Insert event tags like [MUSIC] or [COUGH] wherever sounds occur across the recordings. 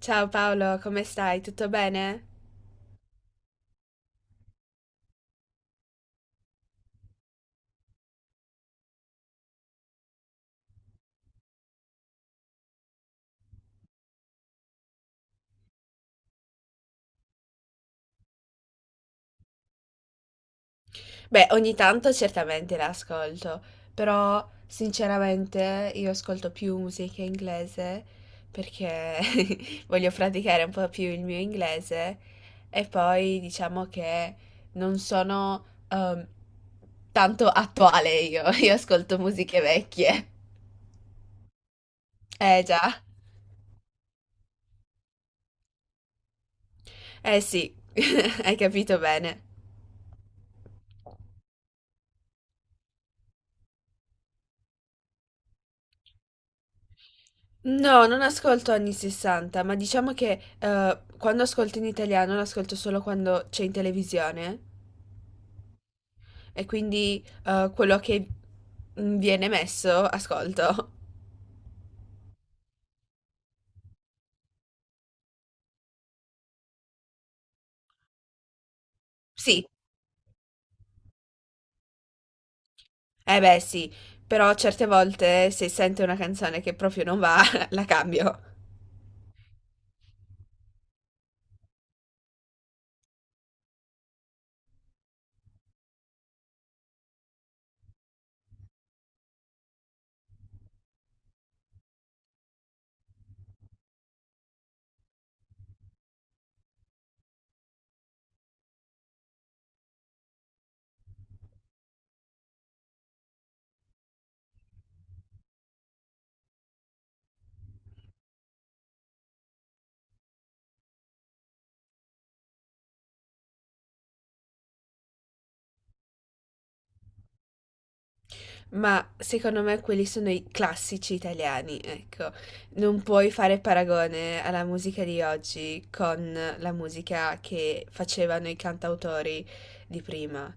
Ciao Paolo, come stai? Tutto bene? Beh, ogni tanto certamente l'ascolto, però sinceramente io ascolto più musica inglese perché [LAUGHS] voglio praticare un po' più il mio inglese e poi diciamo che non sono tanto attuale io, [LAUGHS] io ascolto musiche vecchie. Eh già, eh sì, [LAUGHS] hai capito bene. No, non ascolto anni 60, ma diciamo che quando ascolto in italiano lo ascolto solo quando c'è in televisione e quindi quello che viene messo ascolto. [LAUGHS] Sì, eh beh sì, però certe volte se sento una canzone che proprio non va, [LAUGHS] la cambio. Ma secondo me quelli sono i classici italiani, ecco. Non puoi fare paragone alla musica di oggi con la musica che facevano i cantautori di prima.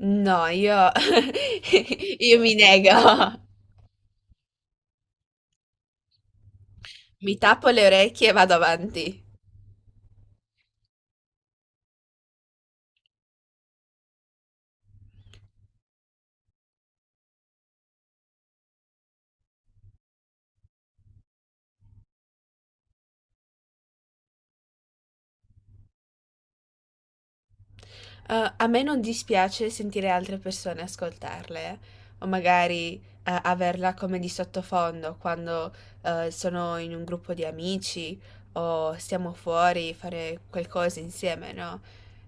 No, io, [LAUGHS] io mi nego, mi tappo le orecchie e vado avanti. A me non dispiace sentire altre persone ascoltarle, o magari averla come di sottofondo quando sono in un gruppo di amici o stiamo fuori, fare qualcosa insieme, no?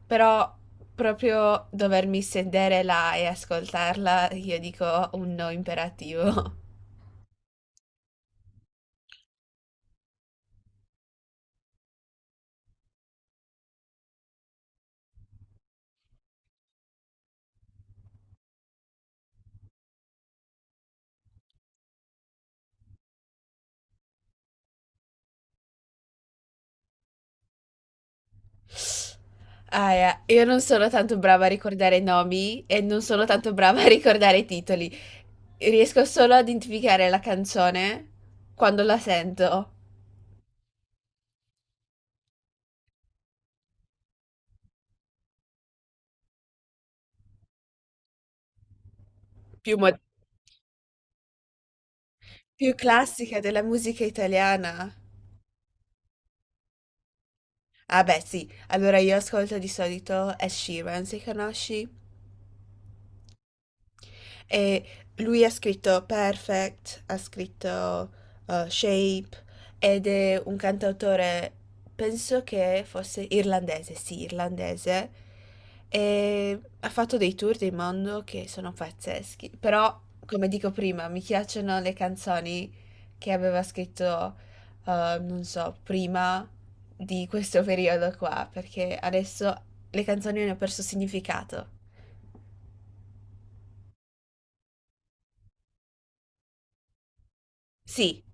Però proprio dovermi sedere là e ascoltarla, io dico un no imperativo. [LAUGHS] Ah, io non sono tanto brava a ricordare nomi e non sono tanto brava a ricordare i titoli. Riesco solo ad identificare la canzone quando la sento. Più, più classica della musica italiana. Ah, beh, sì. Allora io ascolto di solito Ed Sheeran, se conosci? E lui ha scritto Perfect, ha scritto Shape ed è un cantautore, penso che fosse irlandese, sì, irlandese. E ha fatto dei tour del mondo che sono pazzeschi. Però, come dico prima, mi piacciono le canzoni che aveva scritto, non so, prima di questo periodo qua, perché adesso le canzoni hanno perso significato. Sì.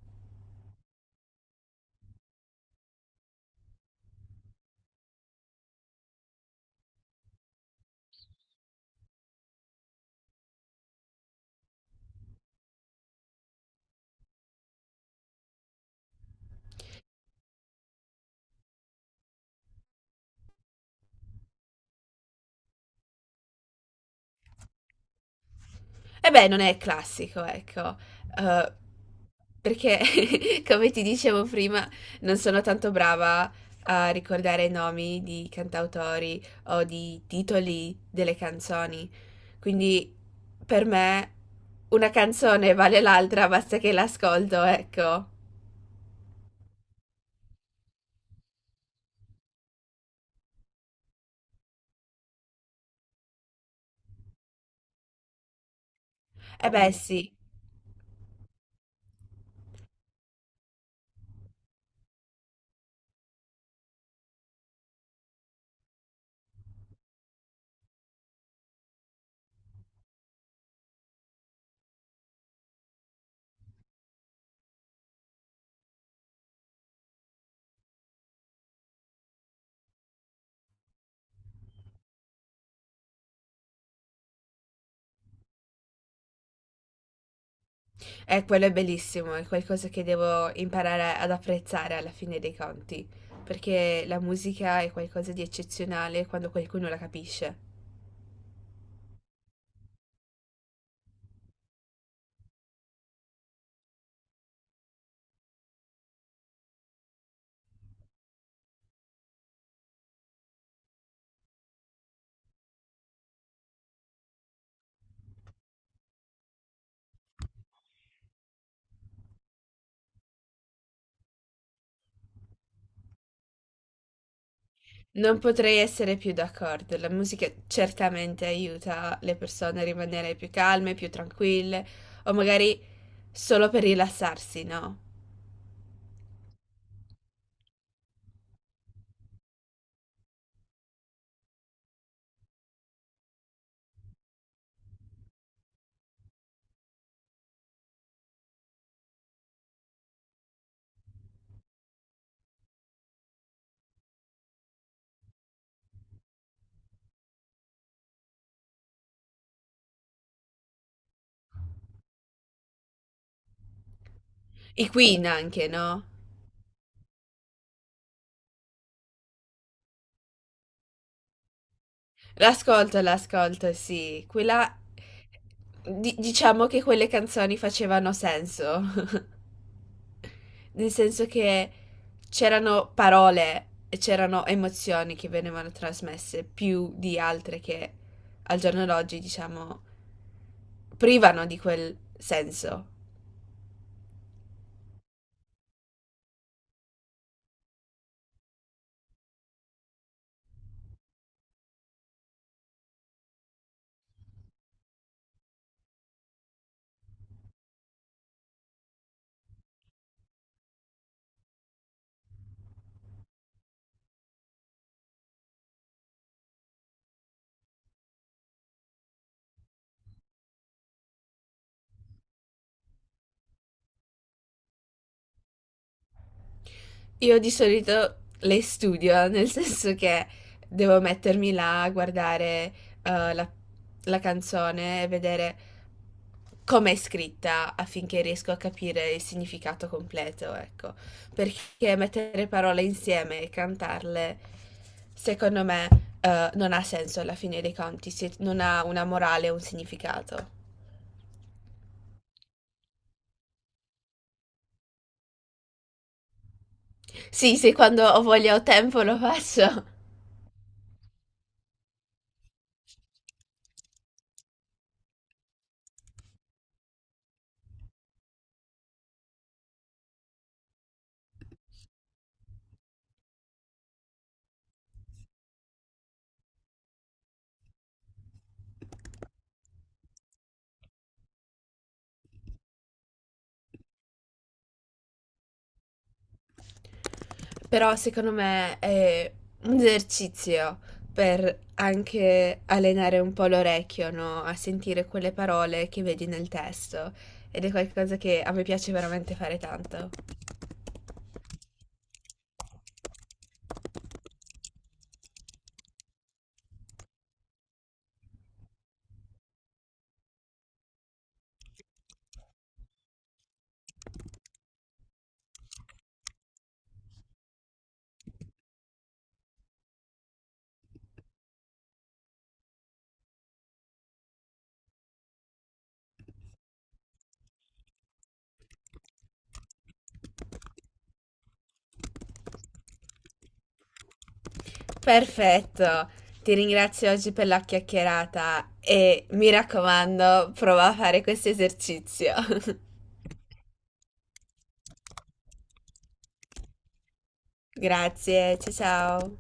E beh, non è classico, ecco. Uhm, perché [LAUGHS] come ti dicevo prima, non sono tanto brava a ricordare i nomi di cantautori o di titoli delle canzoni. Quindi per me una canzone vale l'altra, basta che l'ascolto, ecco. E beh, ovvio. Sì, quello è bellissimo, è qualcosa che devo imparare ad apprezzare alla fine dei conti, perché la musica è qualcosa di eccezionale quando qualcuno la capisce. Non potrei essere più d'accordo. La musica certamente aiuta le persone a rimanere più calme, più tranquille, o magari solo per rilassarsi, no? I Queen anche, no? L'ascolto, l'ascolto, sì. Quella... diciamo che quelle canzoni facevano senso, [LAUGHS] nel senso che c'erano parole e c'erano emozioni che venivano trasmesse più di altre che al giorno d'oggi, diciamo privano di quel senso. Io di solito le studio, nel senso che devo mettermi là a guardare eh, la, la canzone e vedere come è scritta affinché riesco a capire il significato completo, ecco. Perché mettere parole insieme e cantarle, secondo me, non ha senso alla fine dei conti, se non ha una morale o un significato. Sì, se quando ho voglia o tempo lo faccio. Però secondo me è un esercizio per anche allenare un po' l'orecchio, no? A sentire quelle parole che vedi nel testo. Ed è qualcosa che a me piace veramente fare tanto. Perfetto! Ti ringrazio oggi per la chiacchierata e mi raccomando, prova a fare questo esercizio. [LAUGHS] Grazie, ciao ciao!